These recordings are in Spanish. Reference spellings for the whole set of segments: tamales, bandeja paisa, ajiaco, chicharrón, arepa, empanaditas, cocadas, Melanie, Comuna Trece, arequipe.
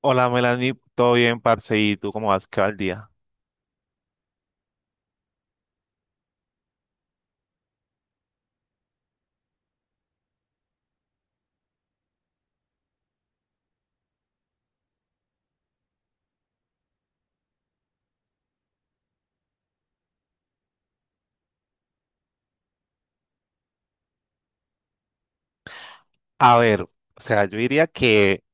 Hola Melanie, ¿todo bien, parce? ¿Y tú cómo vas? ¿Qué va el día? A ver, o sea, yo diría que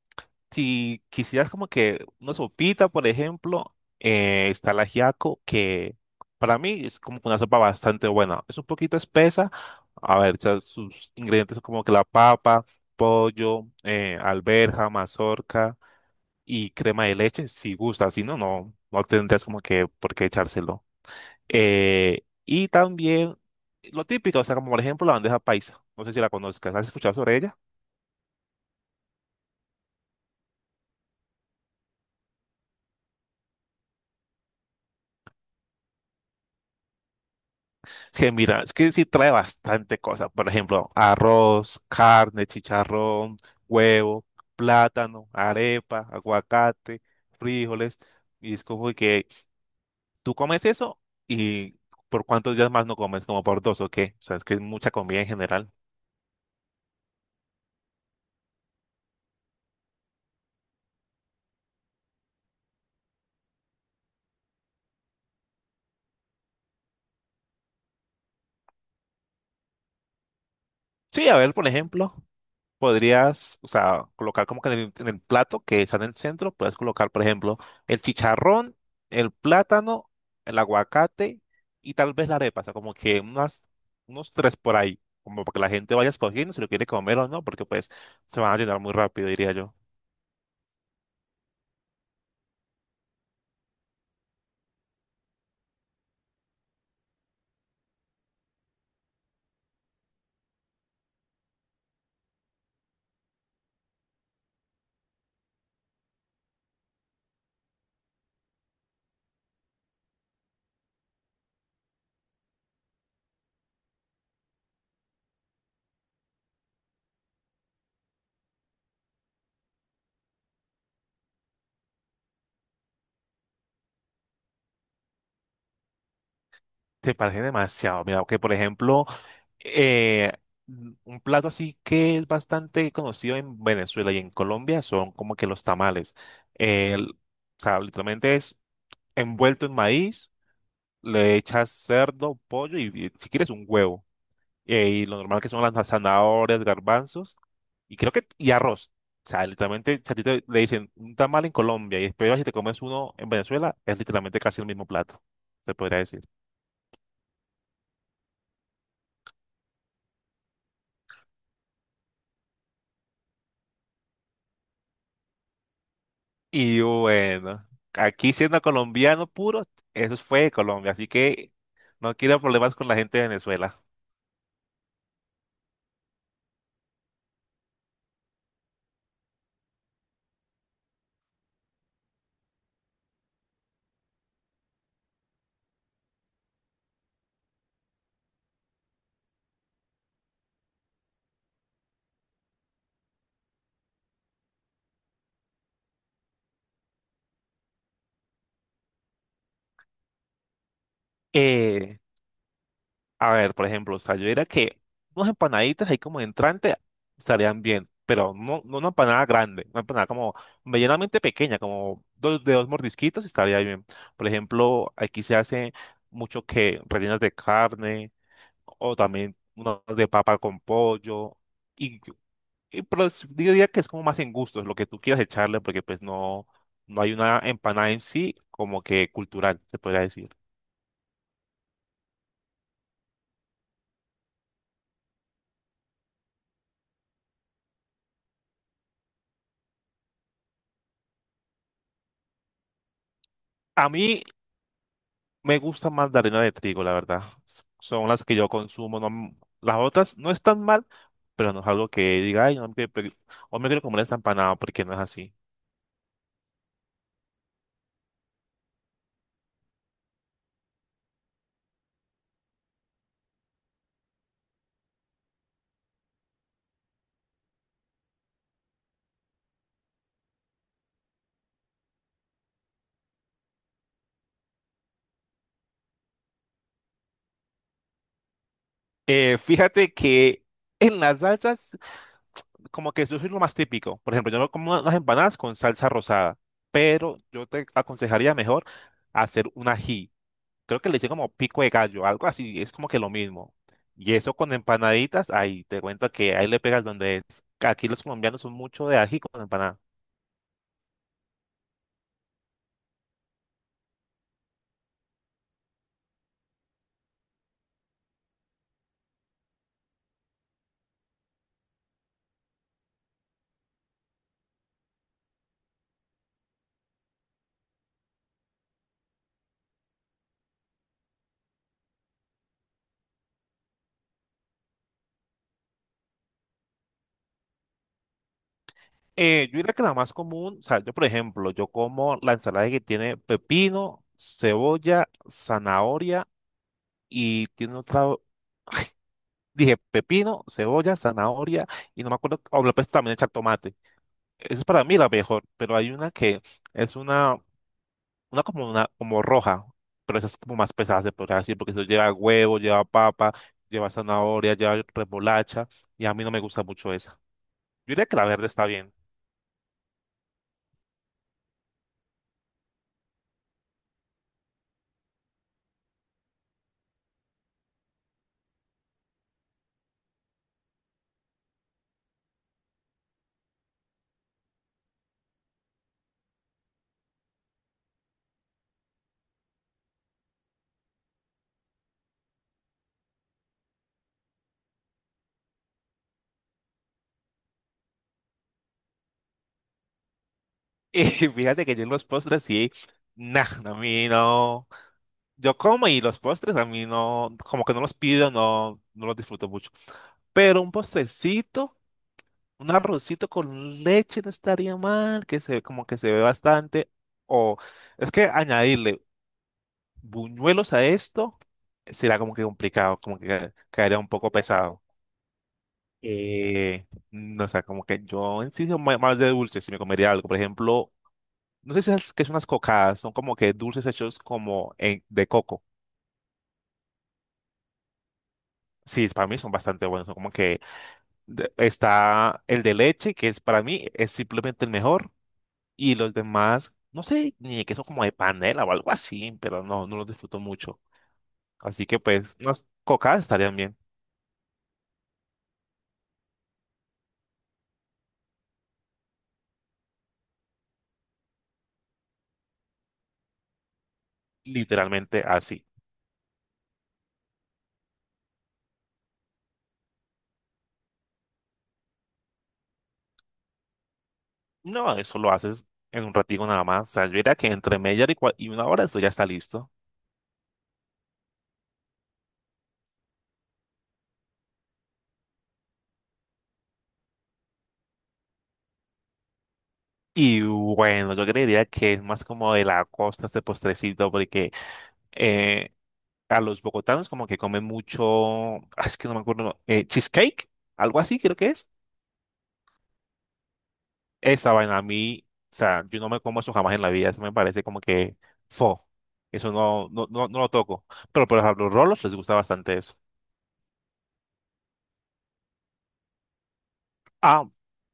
si quisieras como que una sopita, por ejemplo, está el ajiaco, que para mí es como que una sopa bastante buena. Es un poquito espesa, a ver, o sea, sus ingredientes son como que la papa, pollo, alberja, mazorca y crema de leche, si gusta, si no, no tendrías como que por qué echárselo. Y también lo típico, o sea, como por ejemplo la bandeja paisa. No sé si la conozcas, ¿has escuchado sobre ella? Que mira, es que sí trae bastante cosas. Por ejemplo, arroz, carne, chicharrón, huevo, plátano, arepa, aguacate, frijoles. Y es como que tú comes eso y por cuántos días más no comes, como por dos o qué. O sea, es que es mucha comida en general. Sí, a ver, por ejemplo. Podrías, o sea, colocar como que en en el plato que está en el centro, puedes colocar, por ejemplo, el chicharrón, el plátano, el aguacate y tal vez la arepa, o sea, como que unos tres por ahí, como para que la gente vaya escogiendo si lo quiere comer o no, porque pues se van a llenar muy rápido, diría yo. Te parece demasiado. Mira, que por ejemplo, eh, un plato así que es bastante conocido en Venezuela y en Colombia son como que los tamales. El- o sea, literalmente es envuelto en maíz, le echas cerdo, pollo y si quieres un huevo. Y lo normal que son las zanahorias, garbanzos y creo que y arroz. O sea, literalmente, si a ti le dicen un tamal en Colombia y después vas y te comes uno en Venezuela, es literalmente casi el mismo plato, se podría decir. Y bueno, aquí siendo colombiano puro, eso fue de Colombia, así que no quiero problemas con la gente de Venezuela. Eh, A ver, por ejemplo, o sea, yo diría que unas empanaditas ahí como de entrante estarían bien, pero no una empanada grande, una empanada como medianamente pequeña, como dos, de dos mordisquitos estaría bien. Por ejemplo, aquí se hace mucho que rellenas de carne o también uno de papa con pollo y, y pero yo diría que es como más en gustos lo que tú quieras echarle porque pues no, no hay una empanada en sí como que cultural, se podría decir. A mí me gusta más la harina de trigo, la verdad. Son las que yo consumo. Las otras no están mal, pero no es algo que diga, ay, no me quiero, o me quiero comer esta empanada porque no es así. Fíjate que en las salsas, como que eso es lo más típico. Por ejemplo, yo me como unas empanadas con salsa rosada, pero yo te aconsejaría mejor hacer un ají. Creo que le hice como pico de gallo, algo así, es como que lo mismo. Y eso con empanaditas, ahí te cuento que ahí le pegas donde es. Aquí los colombianos son mucho de ají con empanada. Yo diría que la más común, o sea, yo por ejemplo, yo como la ensalada que tiene pepino, cebolla, zanahoria y tiene otra, dije pepino, cebolla, zanahoria y no me acuerdo, o le puedes también echar tomate. Esa es para mí la mejor, pero hay una que es una, como roja, pero esa es como más pesada, se podría decir, porque eso lleva huevo, lleva papa, lleva zanahoria, lleva remolacha y a mí no me gusta mucho esa. Yo diría que la verde está bien. Y fíjate que yo en los postres sí, nah, a mí no. Yo como y los postres a mí no, como que no los pido, no los disfruto mucho. Pero un postrecito, un arrocito con leche no estaría mal, que se como que se ve bastante. O es que añadirle buñuelos a esto será como que complicado, como que caería un poco pesado. Eh, no, sé como que yo en sí más de dulce, si me comería algo, por ejemplo, no sé si es que son unas cocadas, son como que dulces hechos de coco. Sí, para mí son bastante buenos. Son como que está el de leche, que es para mí es simplemente el mejor, y los demás, no sé, ni que son como de panela o algo así, pero no, no los disfruto mucho. Así que pues unas cocadas estarían bien, literalmente así. No, eso lo haces en un ratito nada más. O sea, yo diría que entre media hora y una hora esto ya está listo. Y bueno, yo creería que es más como de la costa este postrecito, porque eh, a los bogotanos como que comen mucho, ah, es que no me acuerdo, cheesecake, algo así creo que es. Esa vaina a mí, o sea, yo no me como eso jamás en la vida, eso me parece como que fo, eso no, no, no, no lo toco. Pero por ejemplo, los rolos les gusta bastante eso. Ah,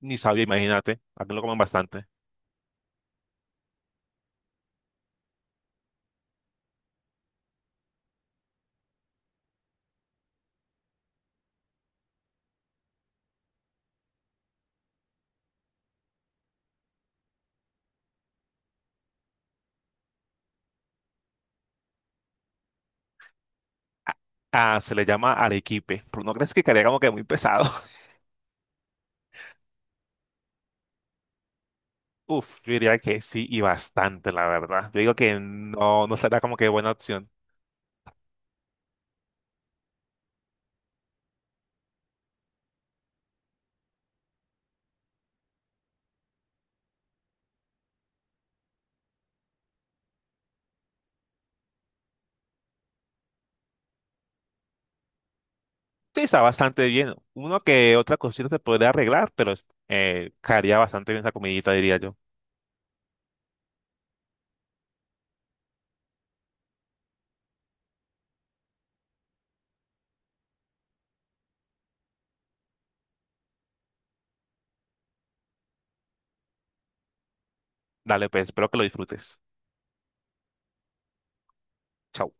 ni sabía, imagínate, aquí lo comen bastante. Ah, se le llama arequipe, pero no crees que quedaría como que muy pesado. Uf, yo diría que sí y bastante, la verdad. Yo digo que no, no será como que buena opción. Sí, está bastante bien. Uno que otra cosita se podría arreglar, pero caería bastante bien esa comidita, diría yo. Dale, pues, espero que lo disfrutes. Chao.